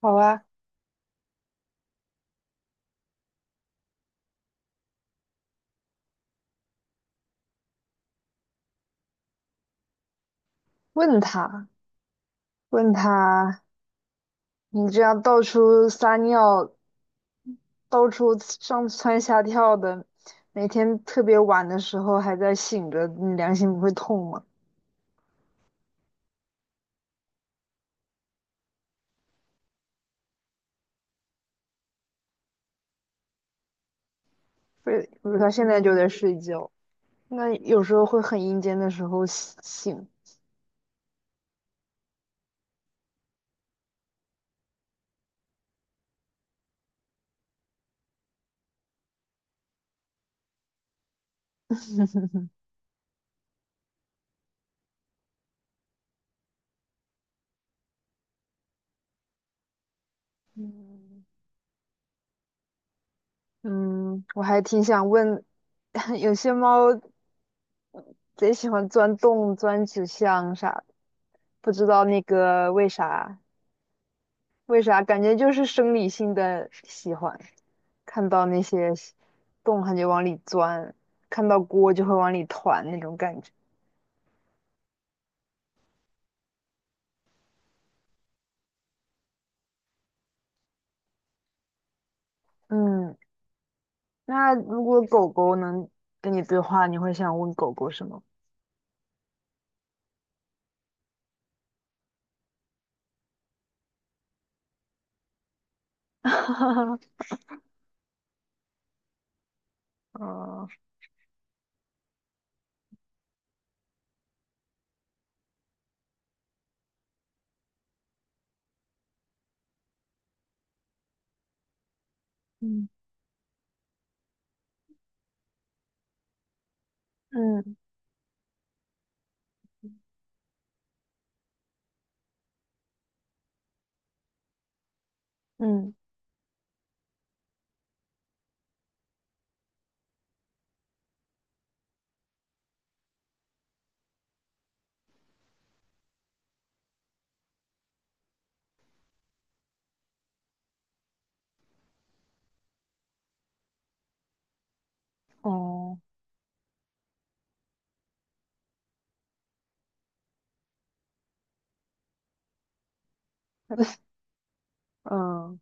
好啊。问他，问他，你这样到处撒尿，到处上蹿下跳的，每天特别晚的时候还在醒着，你良心不会痛吗？不，是，不是他现在就在睡觉。那有时候会很阴间的时候醒。嗯嗯，我还挺想问，有些猫贼喜欢钻洞、钻纸箱啥的，不知道那个为啥，为啥感觉就是生理性的喜欢。看到那些洞它就往里钻，看到锅就会往里团那种感觉。嗯，那如果狗狗能跟你对话，你会想问狗狗什么？嗯嗯，嗯嗯，哦， 嗯，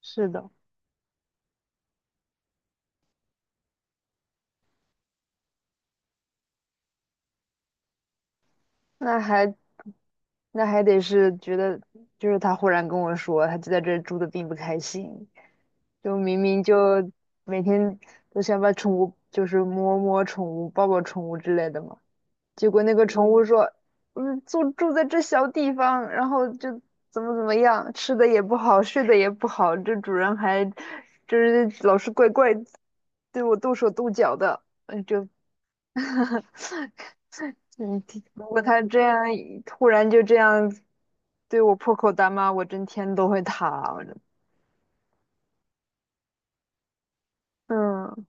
是的。那还那还得是觉得，就是他忽然跟我说，他就在这儿住的并不开心，就明明就每天都想把宠物，就是摸摸宠物、抱抱宠物之类的嘛。结果那个宠物说，嗯，住在这小地方，然后就怎么怎么样，吃的也不好，睡的也不好，这主人还就是老是对我动手动脚的，嗯，就，嗯，如果他这样突然就这样对我破口大骂，我真天都会塌。我真嗯，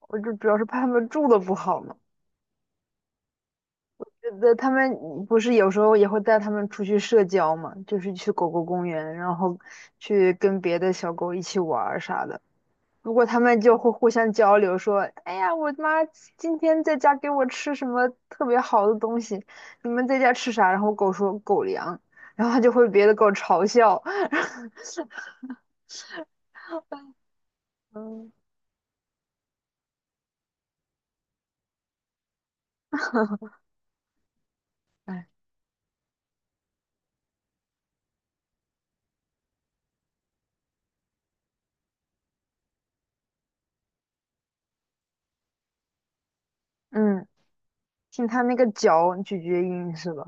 我就主要是怕他们住的不好嘛。的，他们不是有时候也会带他们出去社交嘛，就是去狗狗公园，然后去跟别的小狗一起玩儿啥的。如果他们就会互相交流，说：“哎呀，我妈今天在家给我吃什么特别好的东西，你们在家吃啥？”然后狗说“狗粮”，然后就会别的狗嘲笑。嗯。哎，嗯，听它那个咀嚼音是吧？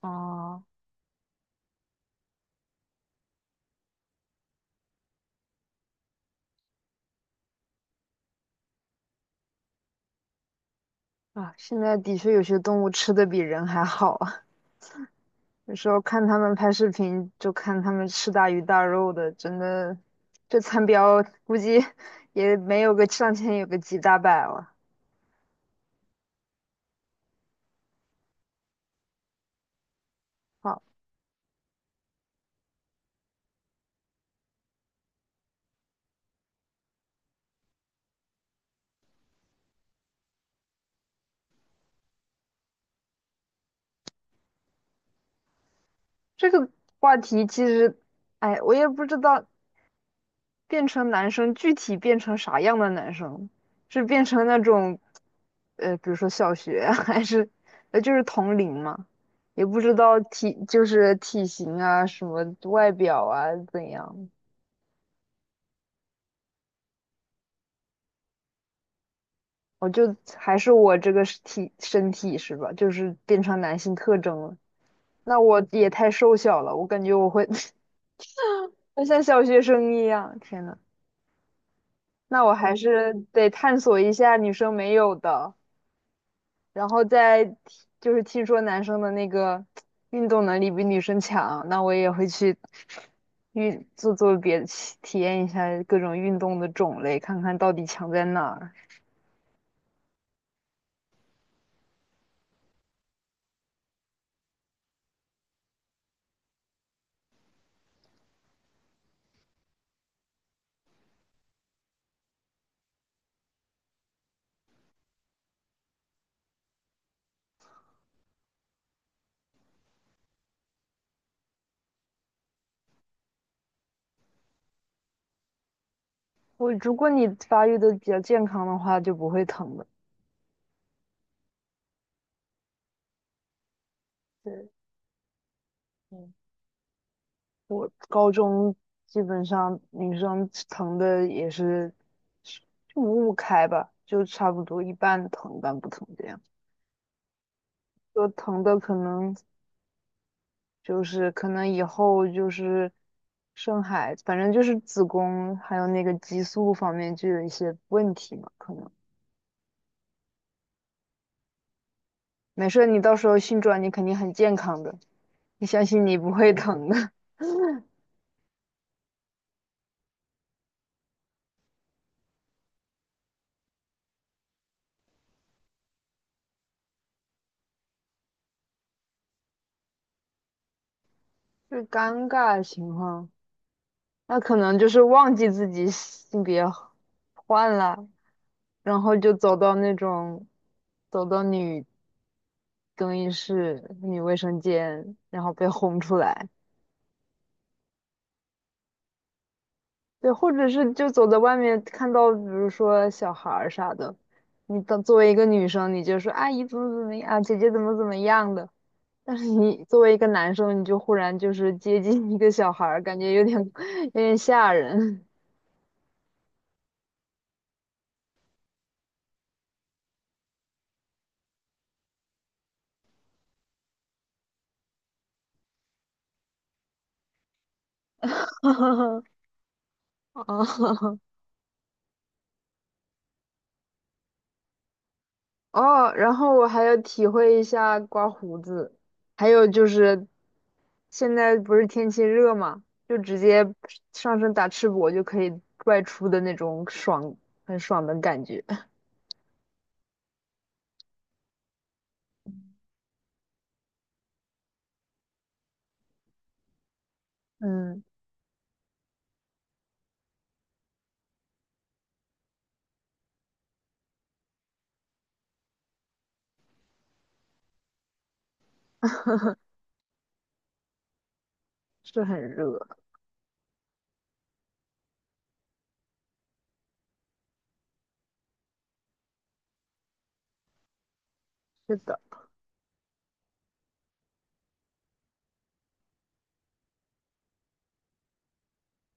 哦。啊，现在的确有些动物吃的比人还好。有时候看他们拍视频，就看他们吃大鱼大肉的，真的，这餐标估计 也没有个上千，有个几大百了。好。这个话题其实，哎，我也不知道变成男生具体变成啥样的男生，是变成那种，比如说小学啊 还是，就是同龄嘛，也不知道体就是体型啊什么外表啊怎样，我就还是我这个身体是吧？就是变成男性特征了。那我也太瘦小了，我感觉我会 会像小学生一样。天呐，那我还是得探索一下女生没有的，然后再听就是听说男生的那个运动能力比女生强，那我也会去做做别的体验一下各种运动的种类，看看到底强在哪儿。我如果你发育的比较健康的话，就不会疼的。对，嗯，我高中基本上女生疼的也是就五五开吧，就差不多一半疼一半不疼这样。就疼的可能就是可能以后就是生孩子，反正就是子宫还有那个激素方面就有一些问题嘛，可能没事儿你到时候性转你肯定很健康的，你相信你不会疼的。就尴尬情况，那可能就是忘记自己性别换了，然后就走到那种，走到女更衣室、女卫生间，然后被轰出来。对，或者是就走在外面看到，比如说小孩儿啥的，你当作为一个女生，你就说阿姨怎么怎么样，姐姐怎么怎么样的。但是你作为一个男生，你就忽然就是接近一个小孩儿，感觉有点 有点吓人。啊。哦，然后我还要体会一下刮胡子，还有就是现在不是天气热嘛，就直接上身打赤膊就可以外出的那种爽，很爽的感觉。嗯，是很热。是的。